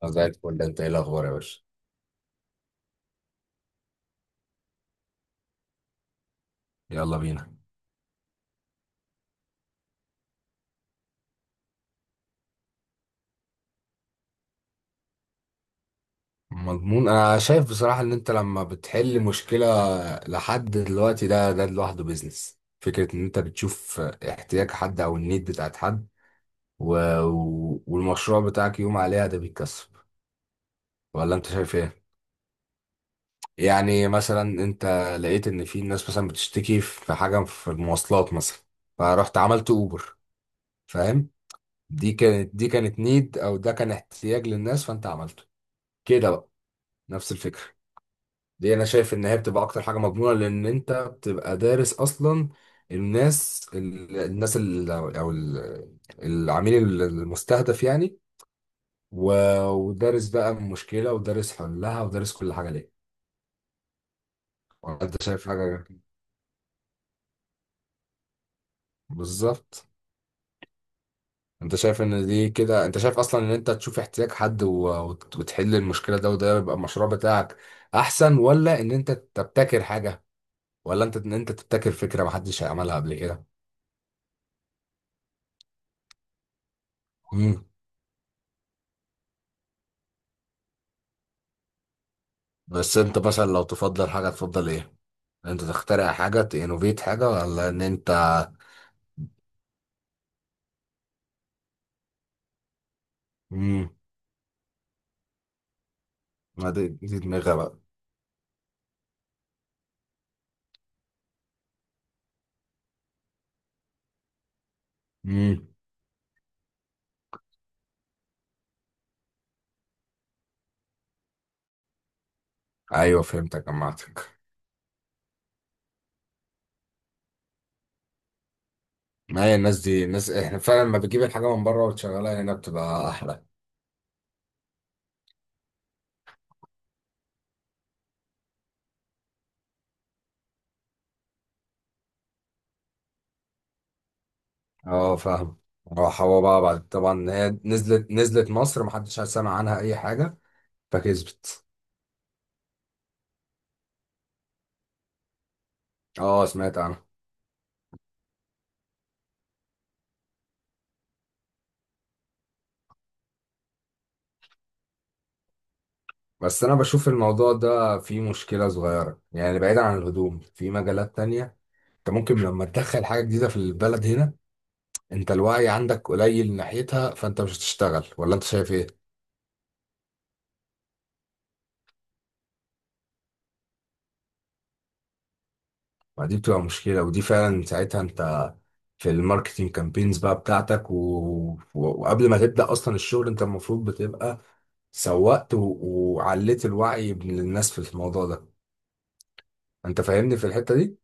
طب، زي الفل. انت ايه الاخبار يا باشا؟ يلا بينا. مضمون، انا شايف بصراحة ان انت لما بتحل مشكلة لحد دلوقتي، ده لوحده بيزنس. فكرة ان انت بتشوف احتياج حد او النيد بتاعت حد و... والمشروع بتاعك يقوم عليها، ده بيتكسب. ولا انت شايف ايه؟ يعني مثلا انت لقيت ان في ناس مثلا بتشتكي في حاجة في المواصلات مثلا، فرحت عملت اوبر، فاهم. دي كانت نيد او ده كان احتياج للناس، فانت عملته كده بقى، نفس الفكرة. دي انا شايف ان هي بتبقى اكتر حاجه مضمونه، لان انت بتبقى دارس اصلا الناس ال- الناس ال- او ال- العميل المستهدف يعني. ودارس بقى المشكله ودارس حلها ودارس كل حاجه ليه. انت شايف حاجه؟ بالظبط. انت شايف ان دي كده، انت شايف اصلا ان انت تشوف احتياج حد وتحل المشكله ده، وده يبقى المشروع بتاعك، احسن؟ ولا ان انت تبتكر حاجه؟ ولا ان انت تبتكر فكره محدش عملها قبل كده؟ بس انت مثلا لو تفضل حاجة تفضل ايه؟ انت تخترع حاجة؟ تنوفيت حاجة؟ ولا ان انت... امم ما دي دماغها بقى. امم ايوه، فهمتك جمعتك. ما هي الناس دي، الناس احنا فعلا لما بتجيب الحاجة من بره وتشغلها هنا بتبقى احلى. اه، فاهم. راح هو بقى بعد طبعا، هي نزلت مصر محدش سمع عنها اي حاجة، فكسبت. اه، سمعت عنها. بس انا بشوف الموضوع ده فيه مشكلة صغيرة يعني، بعيدا عن الهدوم في مجالات تانية. انت ممكن لما تدخل حاجة جديدة في البلد هنا، انت الوعي عندك قليل ناحيتها، فانت مش هتشتغل. ولا انت شايف ايه؟ ما دي بتبقى مشكلة، ودي فعلا ساعتها انت في الماركتينج كامبينز بقى بتاعتك وقبل ما تبدأ اصلا الشغل انت المفروض بتبقى سوقت وعليت الوعي من الناس في الموضوع ده. انت فاهمني في الحتة دي.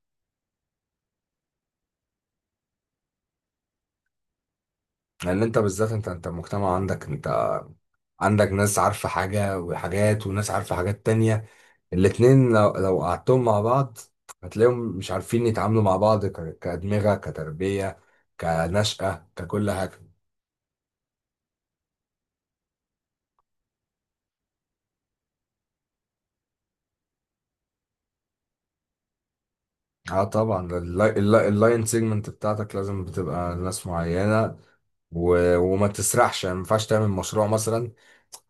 لان انت بالذات، انت المجتمع عندك، انت عندك ناس عارفة حاجة وحاجات وناس عارفة حاجات تانية. الاتنين لو قعدتهم مع بعض هتلاقيهم مش عارفين يتعاملوا مع بعض كأدمغة، كتربية، كنشأة، ككل حاجة. اه طبعا، اللاين سيجمنت بتاعتك لازم بتبقى ناس معينة. وما تسرحش يعني، ما ينفعش تعمل مشروع مثلا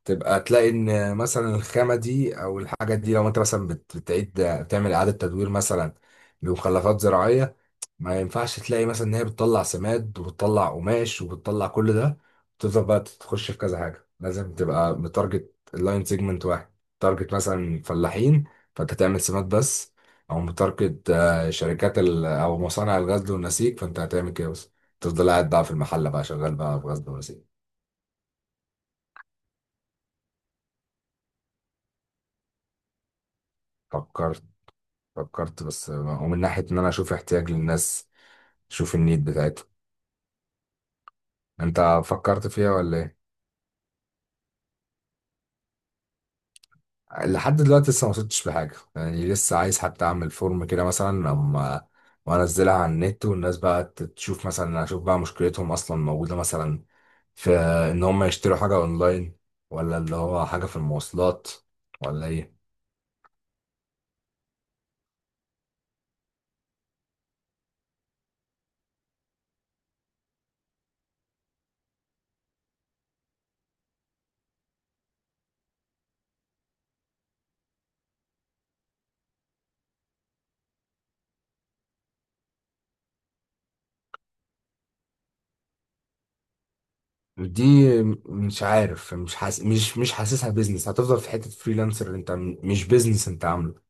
تبقى تلاقي ان مثلا الخامة دي او الحاجة دي لو انت مثلا بتعيد تعمل إعادة تدوير مثلا لمخلفات زراعية، ما ينفعش تلاقي مثلا ان هي بتطلع سماد وبتطلع قماش وبتطلع كل ده وتفضل بقى تخش في كذا حاجه، لازم تبقى متارجت اللاين سيجمنت واحد. تارجت مثلا فلاحين، فانت تعمل سماد بس. او متارجت شركات او مصانع الغزل والنسيج، فانت هتعمل كده بس، تفضل قاعد بقى في المحله بقى شغال بقى في غزل ونسيج. فكرت. فكرت بس، ومن ناحيه ان انا اشوف احتياج للناس، اشوف النيد بتاعتهم. انت فكرت فيها ولا ايه؟ لحد دلوقتي لسه ما وصلتش بحاجة يعني، لسه عايز حتى اعمل فورم كده مثلا اما وانزلها على النت والناس بقى تشوف، مثلا اشوف بقى مشكلتهم اصلا موجودة مثلا في ان هم يشتروا حاجة اونلاين، ولا اللي هو حاجة في المواصلات، ولا ايه. دي مش عارف، مش حاسسها بيزنس، هتفضل في حتة فريلانسر انت مش بيزنس انت عامله.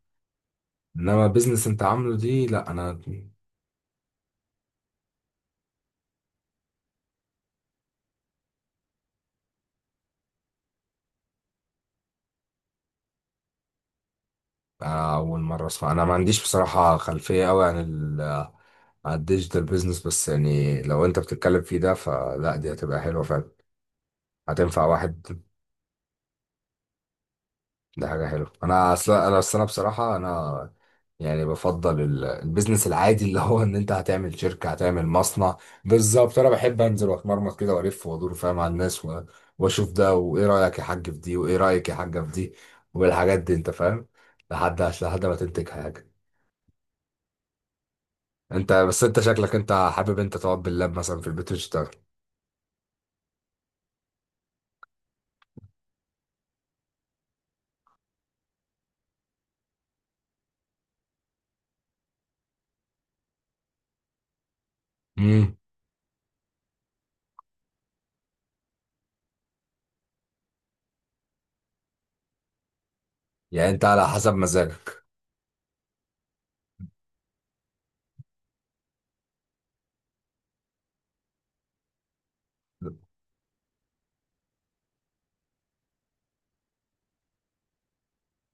انما بيزنس انت عامله دي، لا انا. أنا اول مرة اسمع. انا ما عنديش بصراحة خلفية قوي على الديجيتال بيزنس، بس يعني لو انت بتتكلم فيه ده فلا دي هتبقى حلوة فعلا. هتنفع واحد، ده حاجة حلوة. انا اصلا انا اصل، انا بصراحة انا يعني بفضل البيزنس العادي اللي هو ان انت هتعمل شركة هتعمل مصنع. بالظبط، انا بحب انزل واتمرمط كده والف وادور، فاهم، على الناس واشوف ده وايه رأيك يا حاج في دي وايه رأيك يا حاجة في دي والحاجات دي، انت فاهم. لحد ما تنتج حاجة. انت بس انت شكلك انت حابب انت تقعد باللاب مثلا في البيت وتشتغل. امم. يعني انت على حسب مزاجك.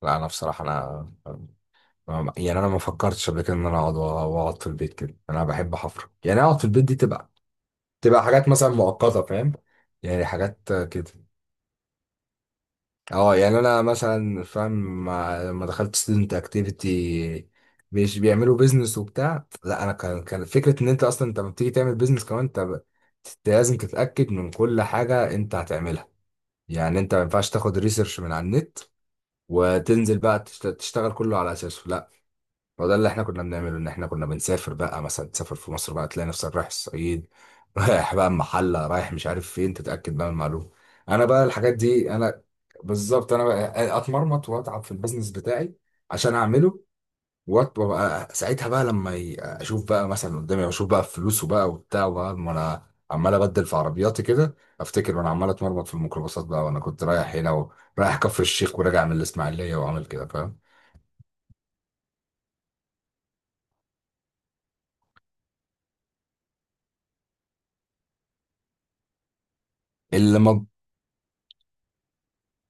لا، انا بصراحه يعني انا ما فكرتش قبل كده ان انا اقعد واقعد في البيت كده، انا بحب حفر يعني، اقعد في البيت دي تبقى حاجات مثلا مؤقته، فاهم. يعني حاجات كده. اه يعني انا مثلا فاهم، لما دخلت ستودنت اكتيفيتي مش بيعملوا بيزنس وبتاع. لا، انا كان فكره ان انت اصلا انت لما بتيجي تعمل بيزنس كمان أنت لازم تتاكد من كل حاجه انت هتعملها. يعني انت ما ينفعش تاخد ريسيرش من على النت وتنزل بقى تشتغل كله على اساسه، لا. هو ده اللي احنا كنا بنعمله، ان احنا كنا بنسافر بقى، مثلا تسافر في مصر بقى تلاقي نفسك رايح الصعيد رايح بقى المحله رايح مش عارف فين، تتاكد بقى من المعلومه. انا بقى الحاجات دي انا. بالظبط، انا بقى اتمرمط واتعب في البيزنس بتاعي عشان اعمله. وابقى ساعتها بقى لما اشوف بقى مثلا قدامي، اشوف بقى فلوسه بقى وبتاع، وبقى ما انا عمال ابدل في عربياتي كده. افتكر وانا عمال اتمرمط في الميكروباصات بقى، وانا كنت رايح هنا ورايح كفر الشيخ وراجع من الاسماعيليه وعامل كده، فاهم.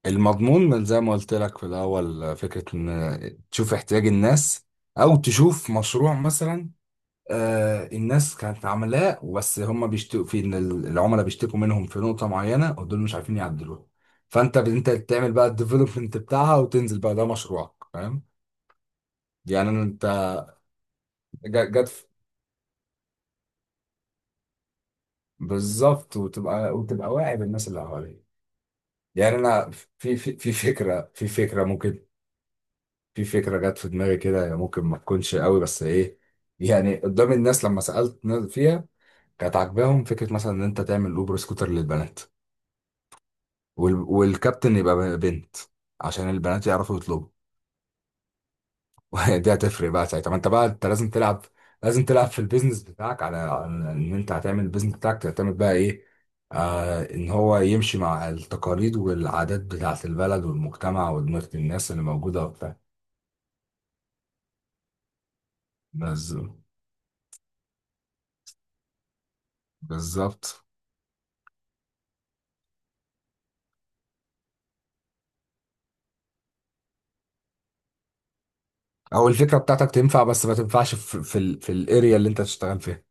المضمون، من زي ما قلت لك في الأول، فكرة إن تشوف احتياج الناس، أو تشوف مشروع مثلا الناس كانت عاملاه بس هم بيشتكوا في إن العملاء بيشتكوا منهم في نقطة معينة ودول مش عارفين يعدلوها. فأنت أنت تعمل بقى الديفلوبمنت بتاعها وتنزل بقى، ده مشروعك، فاهم. يعني أنت جت بالظبط، وتبقى واعي بالناس اللي حواليك. يعني أنا في في في فكرة جت في دماغي كده، هي ممكن ما تكونش قوي بس ايه يعني، قدام الناس لما سألت ناس فيها كانت عاجباهم فكرة مثلا ان انت تعمل اوبر سكوتر للبنات. والكابتن يبقى بنت، عشان البنات يعرفوا يطلبوا. دي هتفرق بقى ساعتها، ما انت بقى انت لازم تلعب في البيزنس بتاعك على ان انت هتعمل البيزنس بتاعك تعتمد بقى ايه. ان هو يمشي مع التقاليد والعادات بتاعت البلد والمجتمع ودماغ الناس اللي موجودة وبتاع. بز... بالظبط، او الفكره بتاعتك تنفع بس ما تنفعش في الاريا اللي انت تشتغل فيها.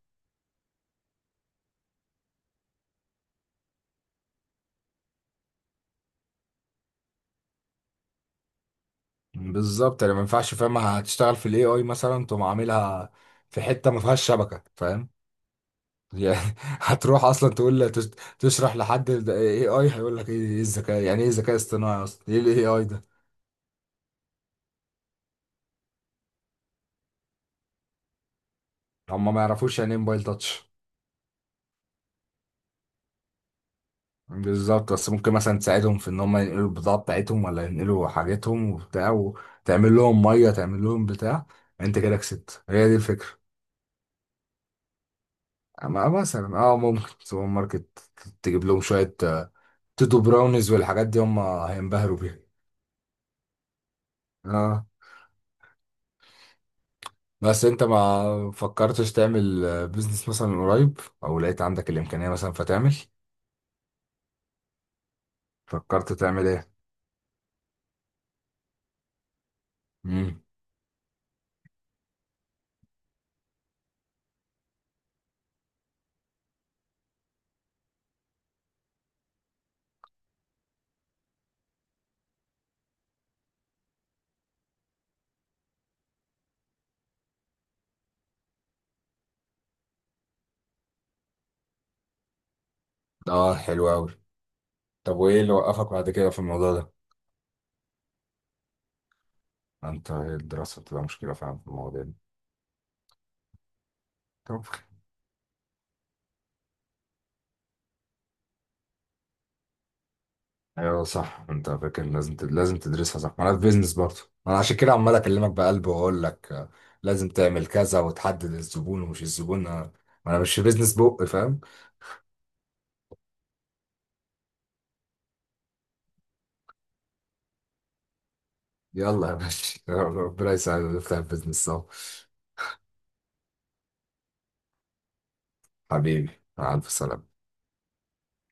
بالظبط يعني، ما ينفعش، فاهم، هتشتغل في الاي اي مثلا تقوم عاملها في حته ما فيهاش شبكه، فاهم. يعني هتروح اصلا تقول تشرح لحد اي اي هيقول لك ايه؟ إيه الذكاء يعني؟ ايه ذكاء اصطناعي اصلا؟ ايه الاي اي ده؟ هم ما يعرفوش يعني ايه موبايل تاتش. بالظبط. بس ممكن مثلا تساعدهم في ان هم ينقلوا البضاعه بتاعتهم، ولا ينقلوا حاجتهم وبتاع، وتعمل لهم ميه، تعمل لهم بتاع، انت كده كسبت، هي دي الفكره. ما مثلا اه، ممكن سوبر ماركت. تجيب لهم شوية تودو براونيز والحاجات دي هم هينبهروا بيها. اه. بس انت ما فكرتش تعمل بيزنس مثلا قريب، او لقيت عندك الامكانية مثلا فتعمل؟ فكرت تعمل ايه؟ امم. اه، حلو قوي. طب وايه اللي وقفك بعد كده في الموضوع ده؟ انت الدراسة بتبقى مشكلة فعلا في المواضيع دي. طب ايوه صح، انت فاكر لازم لازم تدرسها، صح، ما انا في بيزنس برضه. انا عشان كده عمال اكلمك بقلب واقول لك لازم تعمل كذا وتحدد الزبون ومش الزبون. ما انا مش في بيزنس بق، فاهم. يلا يا باشا ربنا يساعدنا نفتح بيزنس سوا. حبيبي. مع الف سلامة.